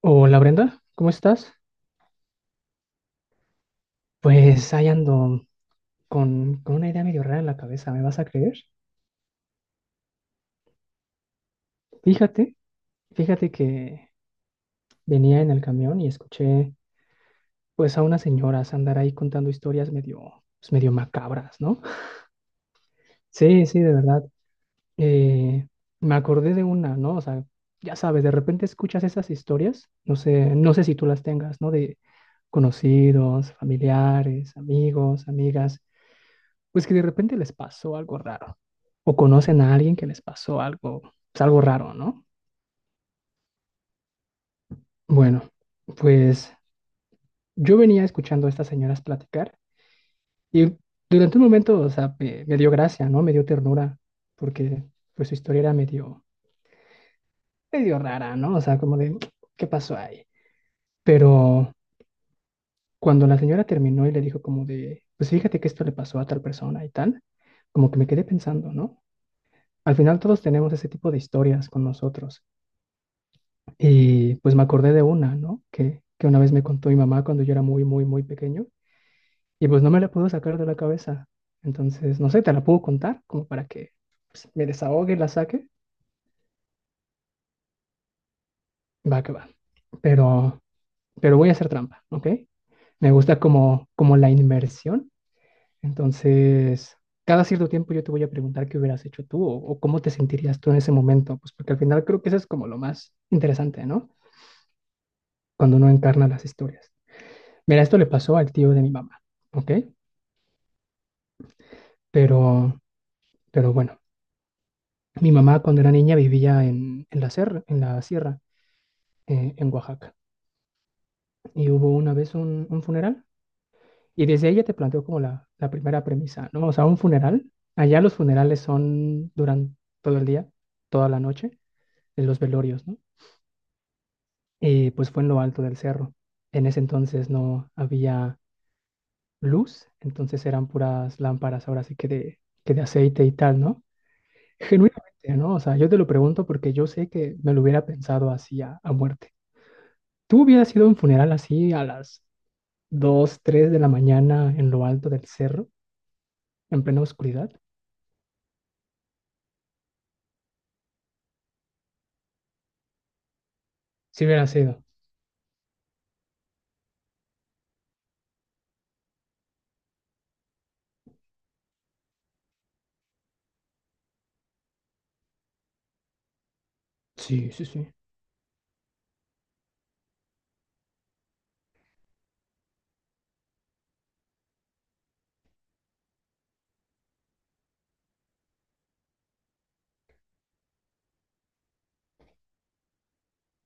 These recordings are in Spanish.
Hola Brenda, ¿cómo estás? Pues ahí ando con una idea medio rara en la cabeza, ¿me vas a creer? Fíjate, fíjate que venía en el camión y escuché pues a unas señoras andar ahí contando historias medio, pues, medio macabras, ¿no? Sí, sí, de verdad. Eh, me acordé de una, ¿no? O sea, ya sabes, de repente escuchas esas historias, no sé, no sé si tú las tengas, ¿no? De conocidos, familiares, amigos, amigas pues que de repente les pasó algo raro. O conocen a alguien que les pasó algo, pues algo raro, ¿no? Bueno, pues yo venía escuchando a estas señoras platicar y durante un momento, o sea, me dio gracia, ¿no? Me dio ternura, porque pues su historia era medio, medio rara, ¿no? O sea, como de, ¿qué pasó ahí? Pero cuando la señora terminó y le dijo como de, pues fíjate que esto le pasó a tal persona y tal, como que me quedé pensando, ¿no? Al final todos tenemos ese tipo de historias con nosotros. Y pues me acordé de una, ¿no? Que una vez me contó mi mamá cuando yo era muy, muy, muy pequeño. Y pues no me la puedo sacar de la cabeza. Entonces, no sé, te la puedo contar como para que pues, me desahogue, la saque. Va que va. Pero, pero voy a hacer trampa, ¿ok? Me gusta como la inmersión. Entonces, cada cierto tiempo yo te voy a preguntar qué hubieras hecho tú o cómo te sentirías tú en ese momento. Pues porque al final creo que eso es como lo más interesante, ¿no? Cuando uno encarna las historias. Mira, esto le pasó al tío de mi mamá, ¿ok? Pero, pero bueno, mi mamá cuando era niña vivía en, en la sierra, en Oaxaca, y hubo una vez un funeral, y desde ella te planteó como la primera premisa, ¿no? O sea, un funeral, allá los funerales son durante todo el día, toda la noche, en los velorios, ¿no? Y pues fue en lo alto del cerro. En ese entonces no había luz, entonces eran puras lámparas, ahora sí que de aceite y tal, ¿no? Genuinamente, ¿no? O sea, yo te lo pregunto porque yo sé que me lo hubiera pensado así a muerte. ¿Tú hubieras ido a un funeral así a las 2, 3 de la mañana en lo alto del cerro, en plena oscuridad? Sí hubiera sido. Sí, sí, sí.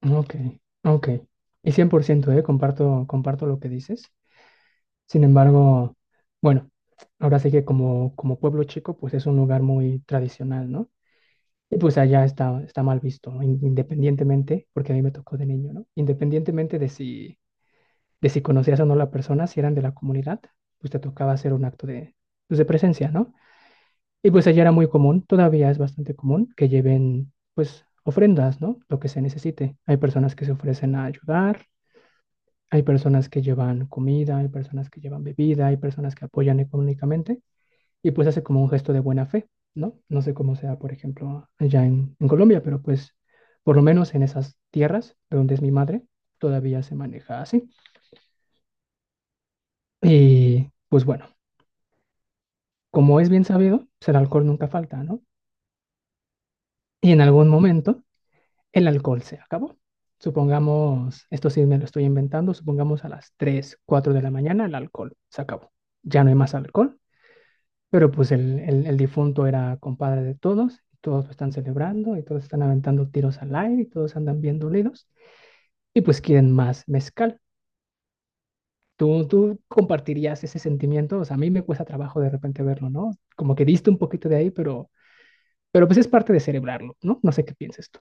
Ok, ok. Y 100%, ¿eh? Comparto, comparto lo que dices. Sin embargo, bueno, ahora sí que como pueblo chico, pues es un lugar muy tradicional, ¿no? Y pues allá está mal visto, ¿no? Independientemente, porque a mí me tocó de niño, ¿no? Independientemente de si conocías o no la persona, si eran de la comunidad, pues te tocaba hacer un acto de, pues, de presencia, ¿no? Y pues allá era muy común, todavía es bastante común que lleven, pues, ofrendas, ¿no? Lo que se necesite. Hay personas que se ofrecen a ayudar, hay personas que llevan comida, hay personas que llevan bebida, hay personas que apoyan económicamente y pues hace como un gesto de buena fe, ¿no? No sé cómo sea, por ejemplo, allá en Colombia, pero pues por lo menos en esas tierras de donde es mi madre, todavía se maneja así. Y pues bueno, como es bien sabido, pues el alcohol nunca falta, ¿no? Y en algún momento el alcohol se acabó. Supongamos, esto sí me lo estoy inventando, supongamos a las 3, 4 de la mañana el alcohol se acabó. Ya no hay más alcohol, pero pues el difunto era compadre de todos, y todos lo están celebrando y todos están aventando tiros al aire y todos andan bien dolidos y pues quieren más mezcal. ¿Tú, tú compartirías ese sentimiento? O sea, a mí me cuesta trabajo de repente verlo, ¿no? Como que diste un poquito de ahí, pero pues es parte de celebrarlo, ¿no? No sé qué piensas tú.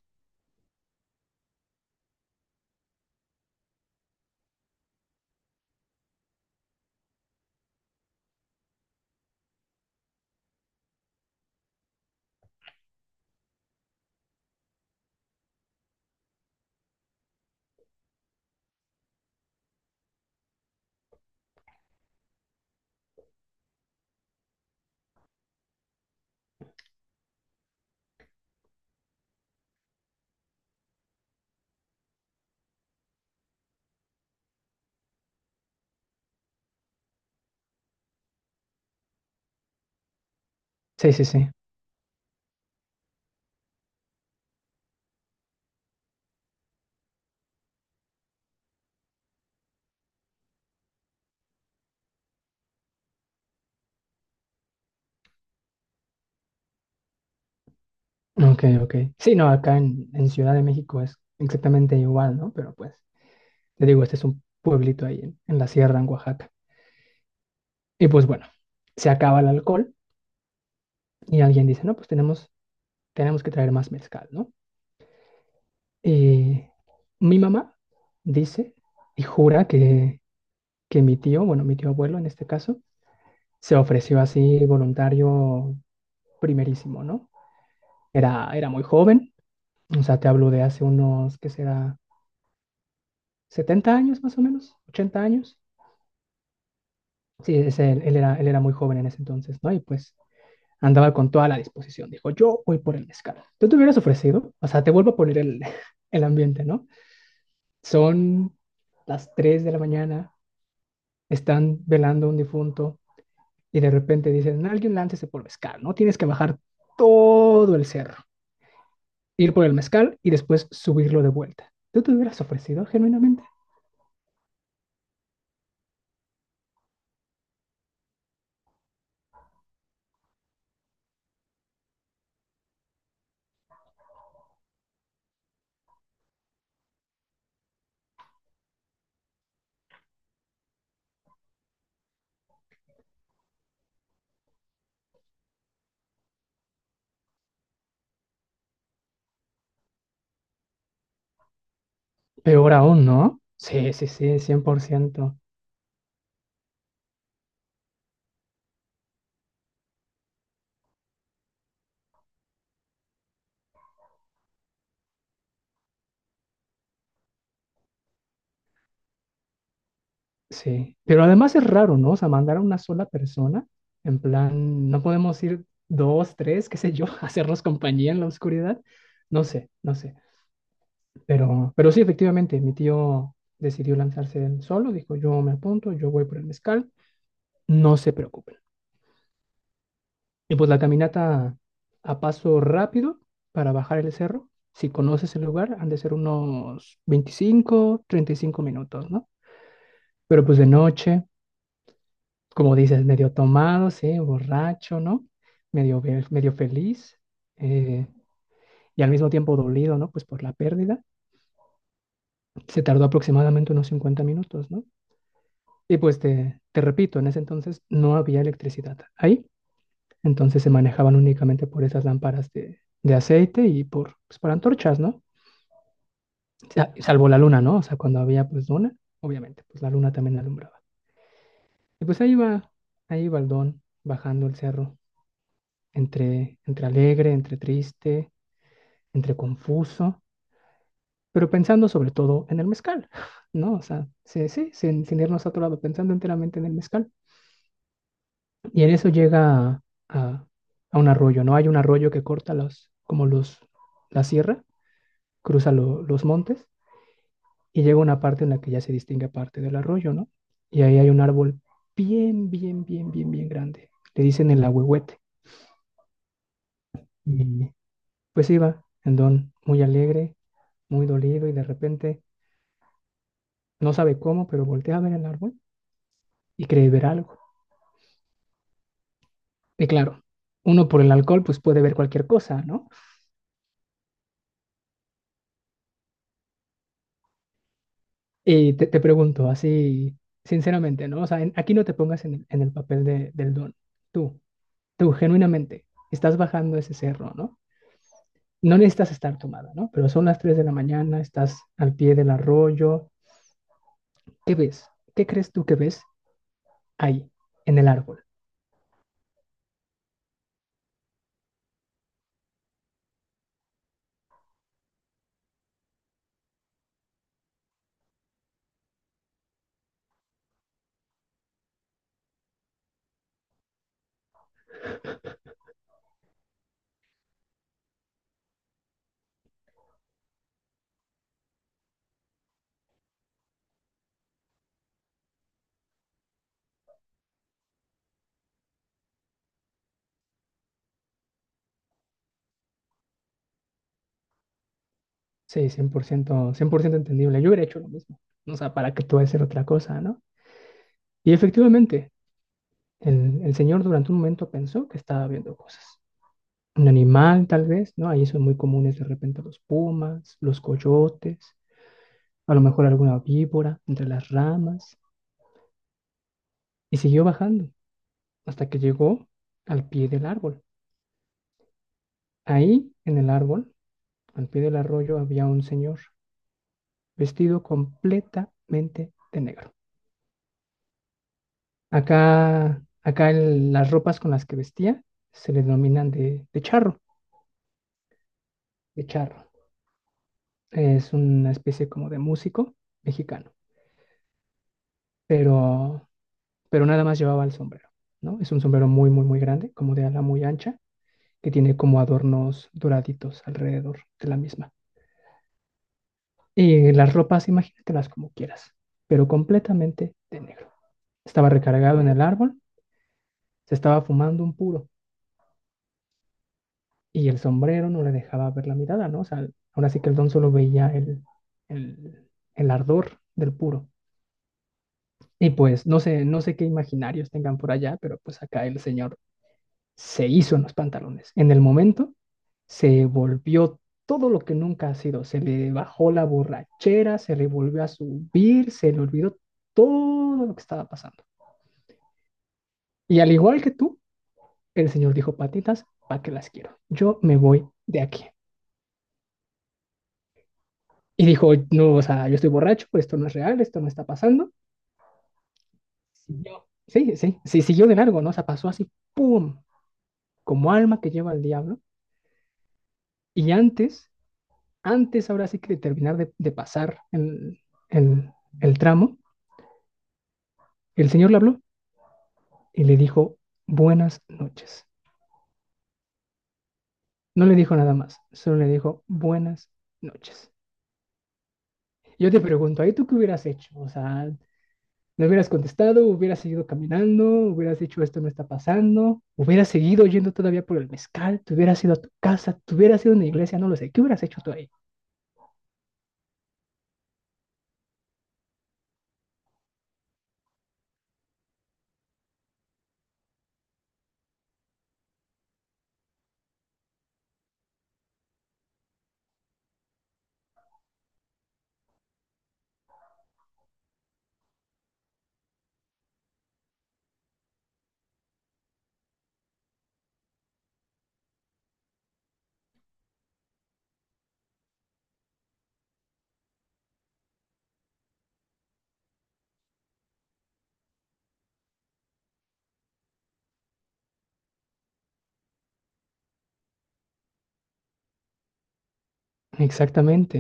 Sí, sí, sí. Ok, ok. Sí, no, acá en Ciudad de México es exactamente igual, ¿no? Pero pues, te digo, este es un pueblito ahí en la sierra, en Oaxaca. Y pues bueno, se acaba el alcohol y alguien dice, no, pues tenemos que traer más mezcal, ¿no? Y mi mamá dice y jura que mi tío, bueno, mi tío abuelo en este caso, se ofreció así voluntario primerísimo, ¿no? Era muy joven. O sea, te hablo de hace unos, ¿qué será? 70 años más o menos, 80 años. Sí, es él era muy joven en ese entonces, ¿no? Y pues andaba con toda la disposición. Dijo, yo voy por el mezcal. ¿Tú te hubieras ofrecido? O sea, te vuelvo a poner el ambiente, ¿no? Son las 3 de la mañana, están velando a un difunto y de repente dicen, alguien láncese por mezcal, ¿no? Tienes que bajar todo el cerro, ir por el mezcal y después subirlo de vuelta. ¿Tú te hubieras ofrecido genuinamente? Peor aún, ¿no? Sí, sí, sí, 100%. Sí. Pero además es raro, ¿no? O sea, mandar a una sola persona, en plan, no podemos ir dos, tres, qué sé yo, a hacernos compañía en la oscuridad. No sé, no sé. Pero sí, efectivamente, mi tío decidió lanzarse él solo, dijo, yo me apunto, yo voy por el mezcal, no se preocupen. Y pues la caminata a paso rápido para bajar el cerro. Si conoces el lugar, han de ser unos 25-35 minutos, ¿no? Pero pues de noche, como dices, medio tomado, sí, borracho, ¿no? Medio, medio feliz, eh, y al mismo tiempo dolido, ¿no? Pues por la pérdida. Se tardó aproximadamente unos 50 minutos, ¿no? Y pues te repito, en ese entonces no había electricidad ahí, entonces se manejaban únicamente por esas lámparas de aceite y por, pues, por antorchas, ¿no? Salvo la luna, ¿no? O sea, cuando había pues luna, obviamente, pues la luna también alumbraba. Y pues ahí va el don, bajando el cerro entre, entre alegre, entre triste, entre confuso, pero pensando sobre todo en el mezcal, ¿no? O sea, sí, sí, sin, sin irnos a otro lado, pensando enteramente en el mezcal. Y en eso llega a, a un arroyo, ¿no? Hay un arroyo que corta la sierra, cruza los montes y llega una parte en la que ya se distingue parte del arroyo, ¿no? Y ahí hay un árbol bien, bien, bien, bien, bien grande. Le dicen el ahuehuete. Y pues iba el don muy alegre, muy dolido y de repente no sabe cómo, pero voltea a ver el árbol y cree ver algo. Y claro, uno por el alcohol pues puede ver cualquier cosa, ¿no? Y te pregunto así, sinceramente, ¿no? O sea, aquí no te pongas en el papel del don. Tú, tú genuinamente, estás bajando ese cerro, ¿no? No necesitas estar tomada, ¿no? Pero son las 3 de la mañana, estás al pie del arroyo. ¿Qué ves? ¿Qué crees tú que ves ahí, en el árbol? Sí, cien por ciento, 100% entendible. Yo hubiera hecho lo mismo. O sea, ¿para qué tú vas a hacer otra cosa, no? Y efectivamente, el señor durante un momento pensó que estaba viendo cosas. Un animal, tal vez, ¿no? Ahí son muy comunes de repente los pumas, los coyotes, a lo mejor alguna víbora entre las ramas. Y siguió bajando hasta que llegó al pie del árbol. Ahí, en el árbol, al pie del arroyo, había un señor vestido completamente de negro. Acá, acá las ropas con las que vestía se le denominan de charro, de charro. Es una especie como de músico mexicano, pero, pero nada más llevaba el sombrero, ¿no? Es un sombrero muy, muy, muy grande, como de ala muy ancha, que tiene como adornos doraditos alrededor de la misma. Y las ropas, imagínatelas como quieras, pero completamente de negro. Estaba recargado en el árbol, se estaba fumando un puro. Y el sombrero no le dejaba ver la mirada, ¿no? O sea, ahora sí que el don solo veía el, el ardor del puro. Y pues no sé, no sé qué imaginarios tengan por allá, pero pues acá el señor se hizo en los pantalones. En el momento se volvió todo lo que nunca ha sido. Se le bajó la borrachera, se le volvió a subir, se le olvidó todo lo que estaba pasando. Y al igual que tú, el señor dijo, patitas, ¿para qué las quiero? Yo me voy de aquí. Y dijo, no, o sea, yo estoy borracho, esto no es real, esto no está pasando. Siguió. Sí, sí, sí, siguió de largo, ¿no? O sea, pasó así, ¡pum! Como alma que lleva al diablo. Y antes ahora sí que de terminar de pasar el, el tramo, el señor le habló y le dijo, buenas noches. No le dijo nada más, solo le dijo, buenas noches. Yo te pregunto, ¿ahí tú qué hubieras hecho? O sea, no hubieras contestado, hubieras seguido caminando, hubieras dicho esto no está pasando, hubieras seguido yendo todavía por el mezcal, te hubieras ido a tu casa, te hubieras ido a una iglesia, no lo sé, ¿qué hubieras hecho tú ahí? Exactamente,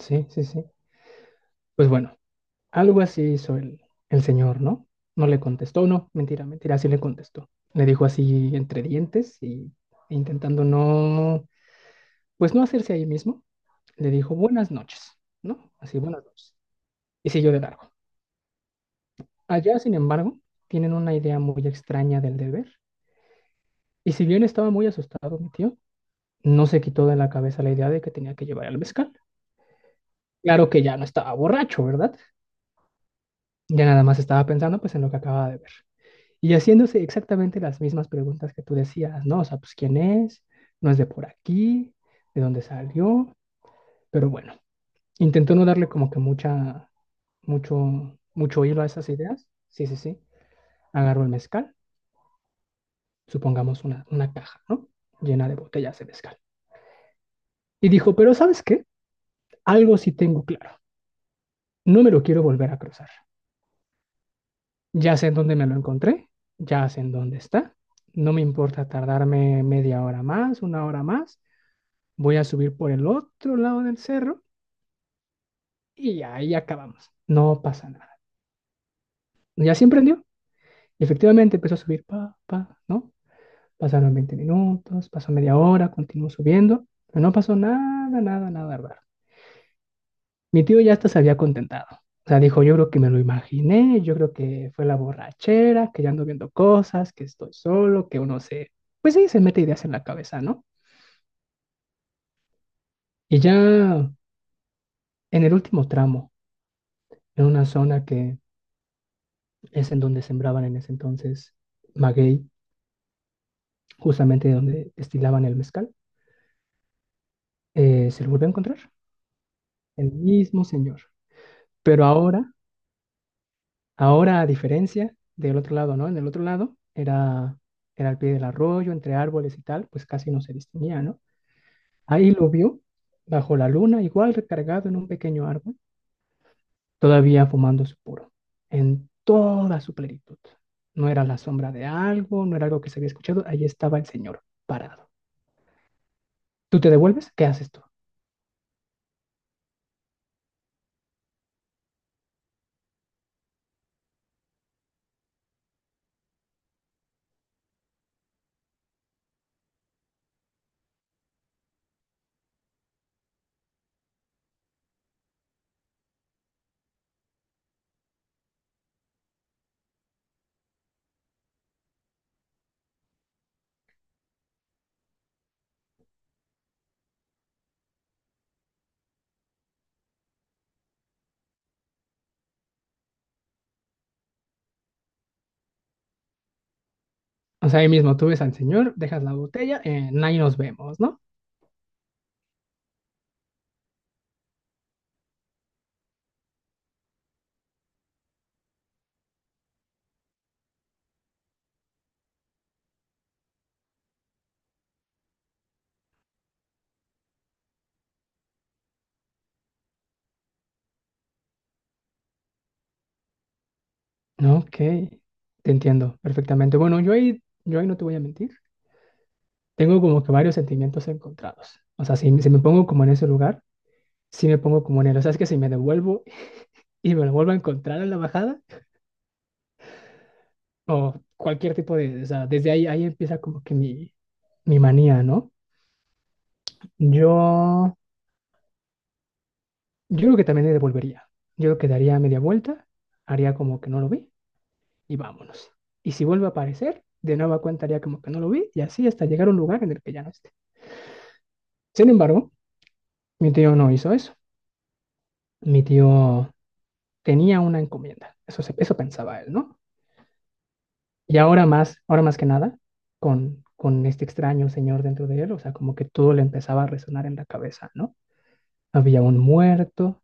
sí, sí, sí. Pues bueno, algo así hizo el señor, ¿no? No le contestó, no, mentira, mentira, sí le contestó. Le dijo así entre dientes e intentando no, pues no hacerse ahí mismo, le dijo buenas noches, ¿no? Así, buenas noches. Y siguió de largo. Allá, sin embargo, tienen una idea muy extraña del deber. Y si bien estaba muy asustado mi tío, no se quitó de la cabeza la idea de que tenía que llevar al mezcal. Claro que ya no estaba borracho, ¿verdad? Ya nada más estaba pensando pues en lo que acababa de ver. Y haciéndose exactamente las mismas preguntas que tú decías, ¿no? O sea, pues quién es, no es de por aquí, de dónde salió, pero bueno, intentó no darle como que mucho hilo a esas ideas. Sí, sí, sí. Agarró el mezcal, supongamos una caja, ¿no? Llena de botellas de mezcal. Y dijo, pero ¿sabes qué? Algo sí tengo claro. No me lo quiero volver a cruzar. Ya sé en dónde me lo encontré, ya sé en dónde está. No me importa tardarme media hora más, una hora más. Voy a subir por el otro lado del cerro y ahí acabamos. No pasa nada. Ya se emprendió. Y efectivamente empezó a subir, pa, pa, ¿no? Pasaron 20 minutos, pasó media hora, continuó subiendo, pero no pasó nada, nada, nada raro. Mi tío ya hasta se había contentado. O sea, dijo, yo creo que me lo imaginé, yo creo que fue la borrachera, que ya ando viendo cosas, que estoy solo, que uno se... Pues sí, se mete ideas en la cabeza, ¿no? Y ya en el último tramo, en una zona que es en donde sembraban en ese entonces maguey, justamente donde destilaban el mezcal, se lo volvió a encontrar, el mismo señor. Pero ahora, a diferencia del otro lado, ¿no? En el otro lado era al pie del arroyo, entre árboles y tal, pues casi no se distinguía, ¿no? Ahí lo vio, bajo la luna, igual recargado en un pequeño árbol, todavía fumando su puro, en toda su plenitud. No era la sombra de algo, no era algo que se había escuchado, ahí estaba el señor, parado. ¿Tú te devuelves? ¿Qué haces tú? O sea, ahí mismo tú ves al señor, dejas la botella, ahí nos vemos, ¿no? Ok, te entiendo perfectamente. Bueno, yo ahí no te voy a mentir, tengo como que varios sentimientos encontrados. O sea, si me pongo como en ese lugar, si me pongo como en él. O sea, es que si me devuelvo y me lo vuelvo a encontrar en la bajada, o cualquier tipo de... O sea, desde ahí empieza como que mi manía, ¿no? Yo, yo creo que también le devolvería. Yo creo que daría media vuelta, haría como que no lo vi y vámonos. Y si vuelve a aparecer, de nueva cuenta haría como que no lo vi y así hasta llegar a un lugar en el que ya no esté. Sin embargo, mi tío no hizo eso. Mi tío tenía una encomienda, eso, eso pensaba él, ¿no? Y ahora más que nada, con este extraño señor dentro de él, o sea, como que todo le empezaba a resonar en la cabeza, ¿no? Había un muerto,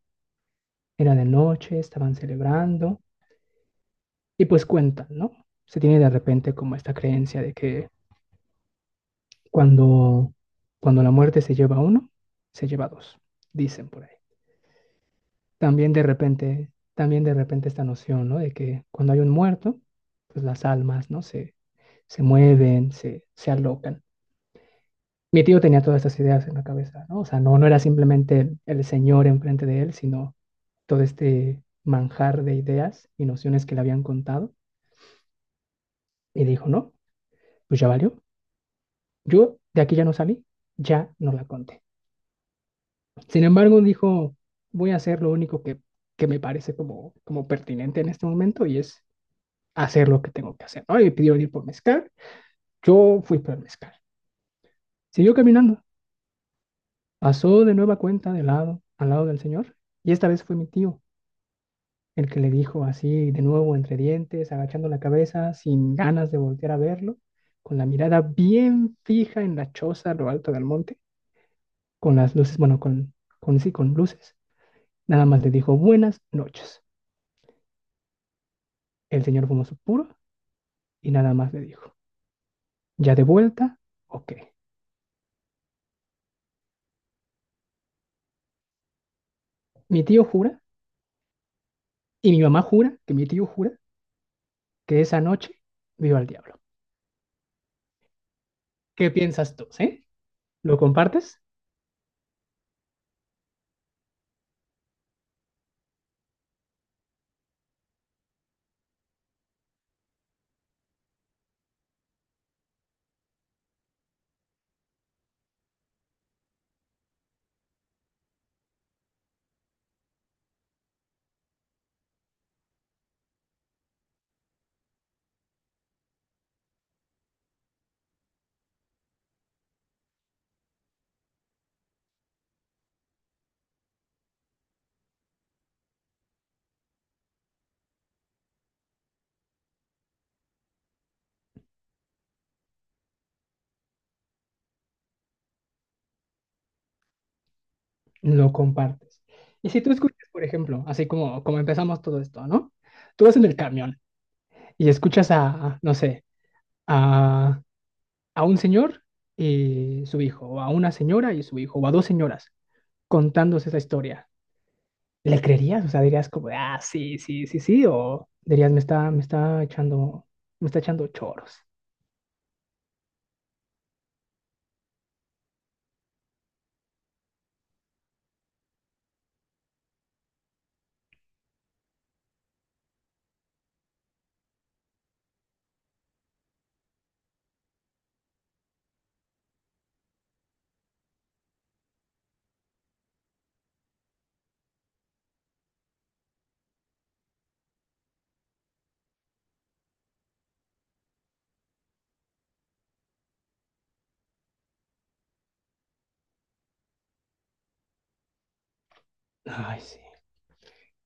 era de noche, estaban celebrando, y pues cuentan, ¿no? Se tiene de repente como esta creencia de que cuando, cuando la muerte se lleva a uno, se lleva a dos, dicen por ahí. También de repente esta noción, ¿no? De que cuando hay un muerto, pues las almas, ¿no? Se mueven, se alocan. Mi tío tenía todas estas ideas en la cabeza, ¿no? O sea, no era simplemente el señor enfrente de él, sino todo este manjar de ideas y nociones que le habían contado. Y dijo, no, pues ya valió. Yo de aquí ya no salí, ya no la conté. Sin embargo, dijo, voy a hacer lo único que me parece como pertinente en este momento y es hacer lo que tengo que hacer, ¿no? Y me pidió ir por mezcal. Yo fui por el mezcal. Siguió caminando. Pasó de nueva cuenta de lado al lado del señor, y esta vez fue mi tío, el que le dijo así de nuevo entre dientes, agachando la cabeza, sin ganas de voltear a verlo, con la mirada bien fija en la choza a lo alto del monte, con las luces, bueno, con sí, con luces. Nada más le dijo buenas noches. El señor fumó su puro y nada más le dijo, ¿ya de vuelta? Ok. Mi tío jura, y mi mamá jura, que mi tío jura, que esa noche vio al diablo. ¿Qué piensas tú, eh? ¿Lo compartes? Lo compartes. Y si tú escuchas, por ejemplo, así como empezamos todo esto, ¿no? Tú vas en el camión y escuchas a, no sé, a, a un señor y su hijo, o a una señora y su hijo, o a dos señoras contándose esa historia. ¿Le creerías? O sea, dirías como, ah, sí, sí, sí, sí, o dirías, me está echando choros. Ay, sí.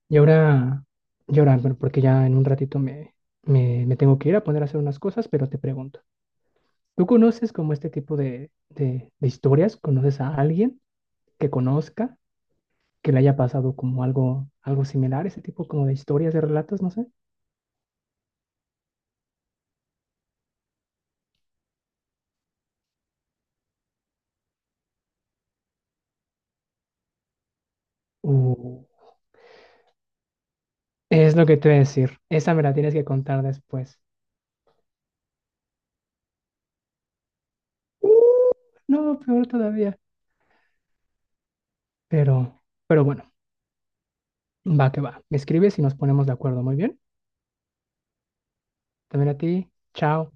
Y ahora, bueno, porque ya en un ratito me tengo que ir a poner a hacer unas cosas, pero te pregunto. ¿Tú conoces como este tipo de historias? ¿Conoces a alguien que conozca, que le haya pasado como algo, algo similar, ese tipo como de historias, de relatos, no sé? Uh, es lo que te voy a decir. Esa me la tienes que contar después. No, peor todavía. Pero bueno, va que va. Me escribes y nos ponemos de acuerdo. Muy bien. También a ti. Chao.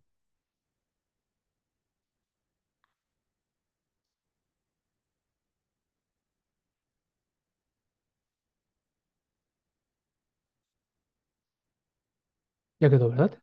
Ya quedó, ¿verdad?